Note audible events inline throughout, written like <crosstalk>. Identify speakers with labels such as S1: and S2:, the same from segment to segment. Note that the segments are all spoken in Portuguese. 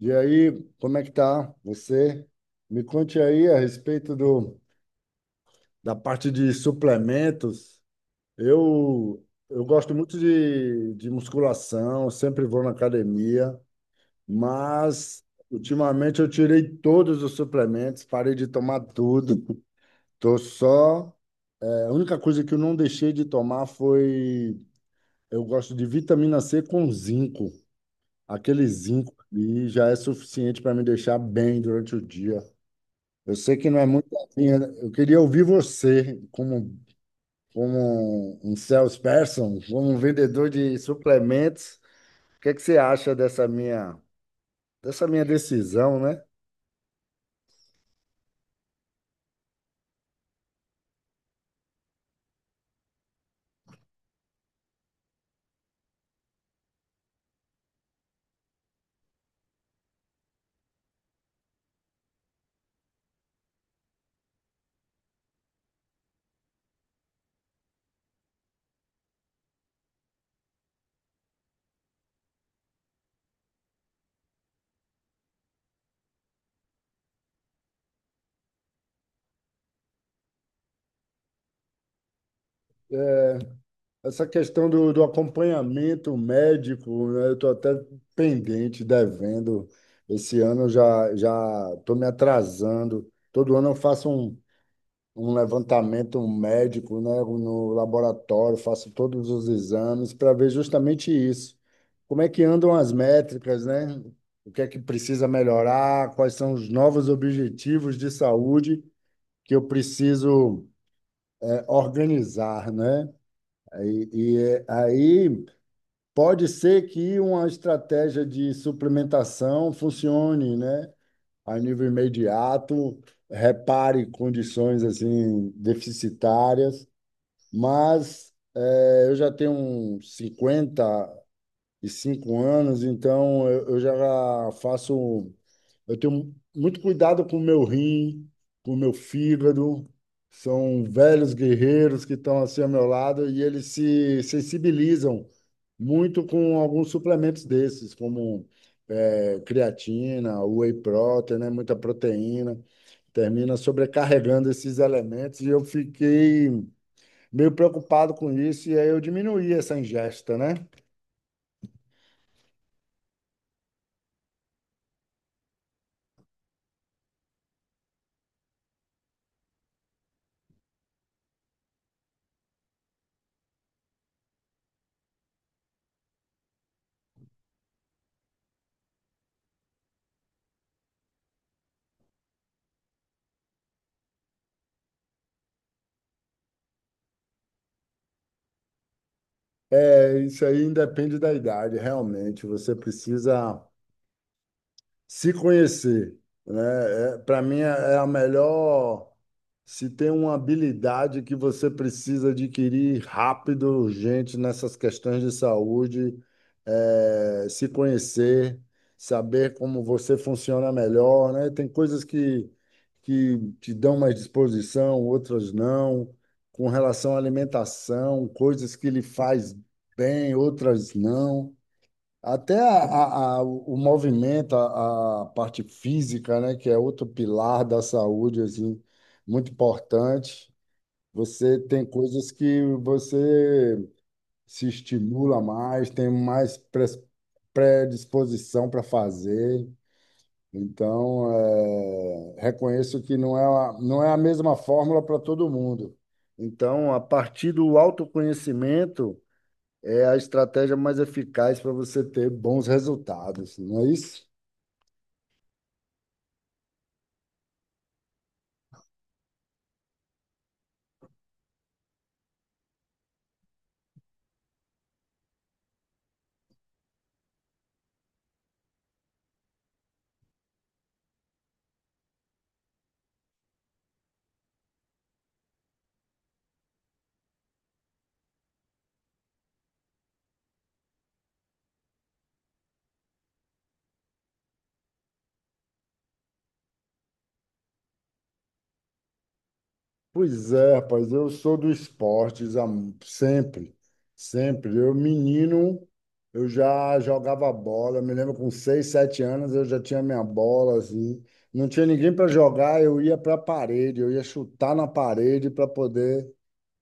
S1: E aí, como é que tá você? Me conte aí a respeito da parte de suplementos. Eu, eu gosto muito de musculação, sempre vou na academia, mas ultimamente eu tirei todos os suplementos, parei de tomar tudo. Tô só. A única coisa que eu não deixei de tomar foi. Eu gosto de vitamina C com zinco. Aquele zinco ali já é suficiente para me deixar bem durante o dia. Eu sei que não é muito assim. Eu queria ouvir você, como um salesperson, como um vendedor de suplementos. O que é que você acha dessa minha decisão, né? Essa questão do acompanhamento médico, né? Eu estou até pendente, devendo. Esse ano eu já estou me atrasando. Todo ano eu faço um levantamento médico, né, no laboratório, faço todos os exames para ver justamente isso. Como é que andam as métricas, né? O que é que precisa melhorar? Quais são os novos objetivos de saúde que eu preciso organizar, né? E aí pode ser que uma estratégia de suplementação funcione, né? A nível imediato, repare condições assim deficitárias, mas eu já tenho uns 55 anos, então eu já faço. Eu tenho muito cuidado com o meu rim, com o meu fígado. São velhos guerreiros que estão assim ao meu lado e eles se sensibilizam muito com alguns suplementos desses, como creatina, whey protein, né? Muita proteína. Termina sobrecarregando esses elementos e eu fiquei meio preocupado com isso, e aí eu diminuí essa ingesta, né? É, isso aí independe da idade, realmente. Você precisa. Se conhecer, né? Para mim é a melhor. Se tem uma habilidade que você precisa adquirir rápido, urgente nessas questões de saúde, é se conhecer, saber como você funciona melhor, né? Tem coisas que te dão mais disposição, outras não. Com relação à alimentação, coisas que lhe faz bem, outras não. Até o movimento, a parte física, né, que é outro pilar da saúde, assim, muito importante. Você tem coisas que você se estimula mais, tem mais predisposição para fazer. Então, reconheço que não é a mesma fórmula para todo mundo. Então, a partir do autoconhecimento é a estratégia mais eficaz para você ter bons resultados, não é isso? Pois é, rapaz, eu sou do esportes há sempre, sempre. Eu, menino, eu já jogava bola, me lembro com 6, 7 anos eu já tinha minha bola, assim. Não tinha ninguém para jogar, eu ia para a parede, eu ia chutar na parede para poder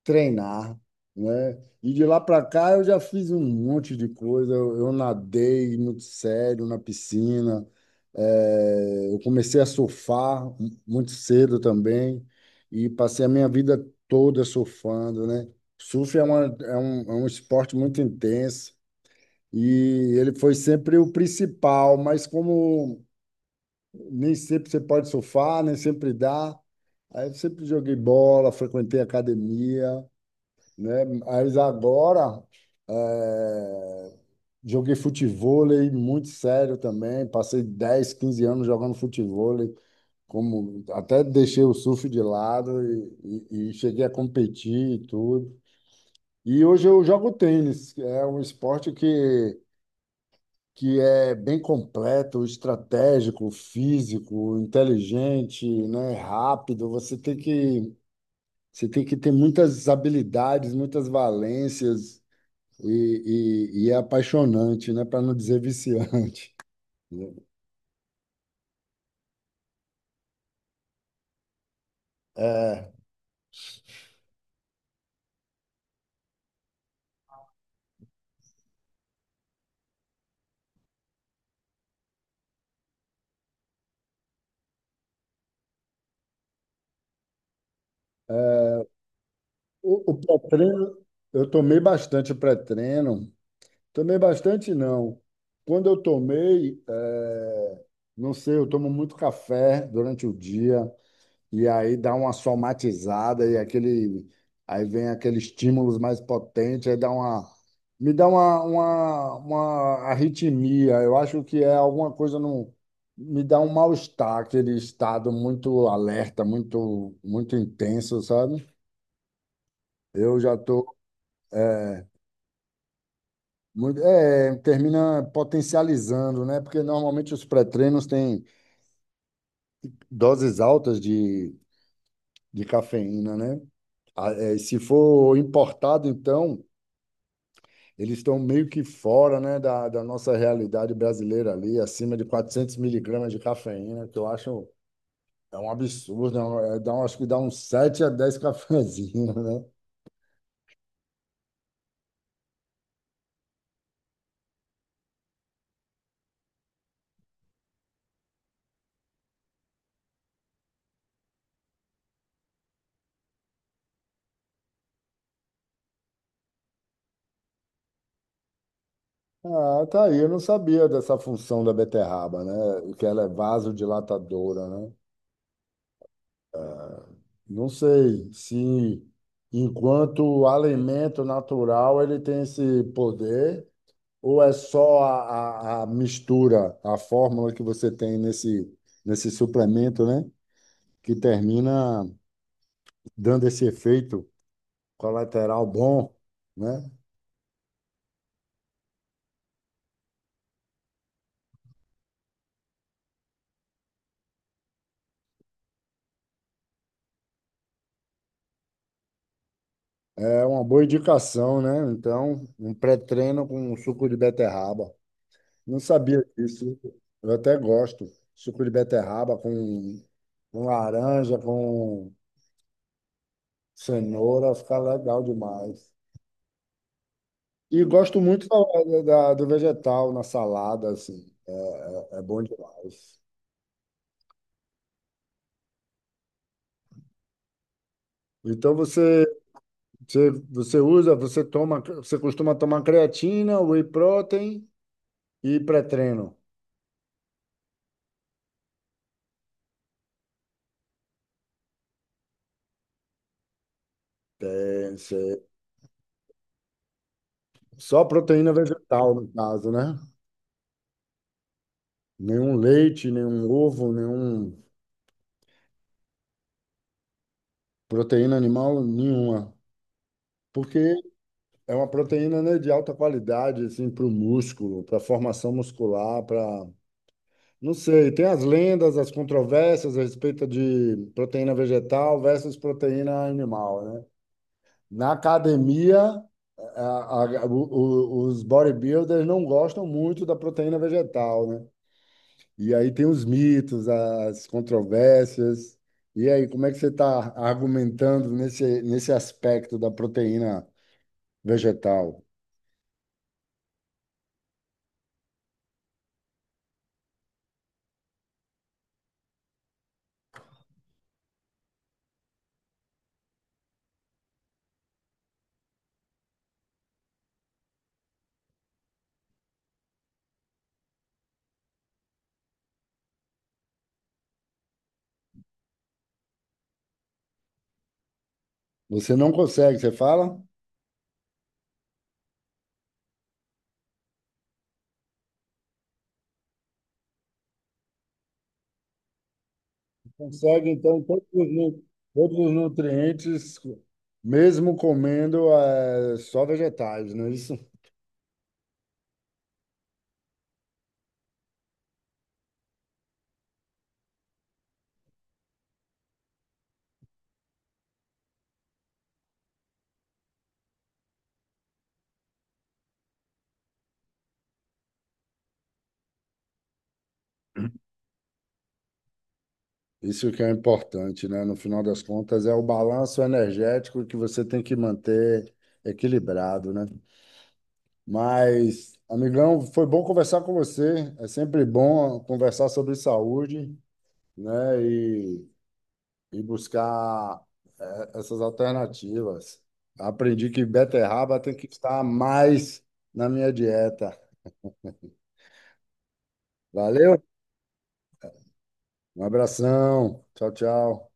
S1: treinar, né? E de lá para cá eu já fiz um monte de coisa. Eu nadei muito sério na piscina, eu comecei a surfar muito cedo também e passei a minha vida toda surfando, né? Surf é um esporte muito intenso e ele foi sempre o principal, mas como nem sempre você pode surfar, nem sempre dá, aí eu sempre joguei bola, frequentei academia, né? Mas agora é, joguei futevôlei muito sério também. Passei 10, 15 anos jogando futevôlei, como até deixei o surf de lado e cheguei a competir e tudo. E hoje eu jogo tênis, que é um esporte que é bem completo, estratégico, físico, inteligente, né? Rápido. Você tem que ter muitas habilidades, muitas valências e é apaixonante, né? Para não dizer viciante. <laughs> O pré-treino, eu tomei bastante pré-treino. Tomei bastante, não. Quando eu tomei, não sei, eu tomo muito café durante o dia. E aí dá uma somatizada e aí vem aquele estímulos mais potente, aí me dá uma arritmia. Eu acho que é alguma coisa no, me dá um mal-estar, aquele estado muito alerta, muito, muito intenso, sabe? Eu já tô muito, é, termina potencializando, né? Porque normalmente os pré-treinos têm doses altas de cafeína, né? Ah, é, se for importado, então eles estão meio que fora, né, da nossa realidade brasileira ali, acima de 400 miligramas de cafeína, que eu acho é um absurdo, é um- é, dá, um- acho que dá uns 7 a 10 <laughs> cafezinhos, né? Ah, tá aí, eu não sabia dessa função da beterraba, né? Que ela é vasodilatadora, né? Não sei se, enquanto alimento natural, ele tem esse poder, ou é só a mistura, a fórmula que você tem nesse, nesse suplemento, né? Que termina dando esse efeito colateral bom, né? É uma boa indicação, né? Então, um pré-treino com suco de beterraba. Não sabia disso. Eu até gosto. Suco de beterraba com laranja, com cenoura, fica legal demais. E gosto muito do vegetal na salada, assim. É, é bom demais. Então, você você costuma tomar creatina, whey protein e pré-treino. É, Você- Só proteína vegetal, no caso, né? Nenhum leite, nenhum ovo, nenhum proteína animal, nenhuma. Porque é uma proteína, né, de alta qualidade, assim, para o músculo, para a formação muscular, para... Não sei, tem as lendas, as controvérsias a respeito de proteína vegetal versus proteína animal, né? Na academia, a- os bodybuilders não gostam muito da proteína vegetal, né? E aí tem os mitos, as controvérsias. E aí, como é que você está argumentando nesse aspecto da proteína vegetal? Você não consegue, você fala? Consegue, então, todos os nutrientes, mesmo comendo só vegetais, não é isso? Isso que é importante, né? No final das contas, é o balanço energético que você tem que manter equilibrado, né? Mas, amigão, foi bom conversar com você. É sempre bom conversar sobre saúde, né? E buscar essas alternativas. Aprendi que beterraba tem que estar mais na minha dieta. Valeu? Um abração. Tchau, tchau.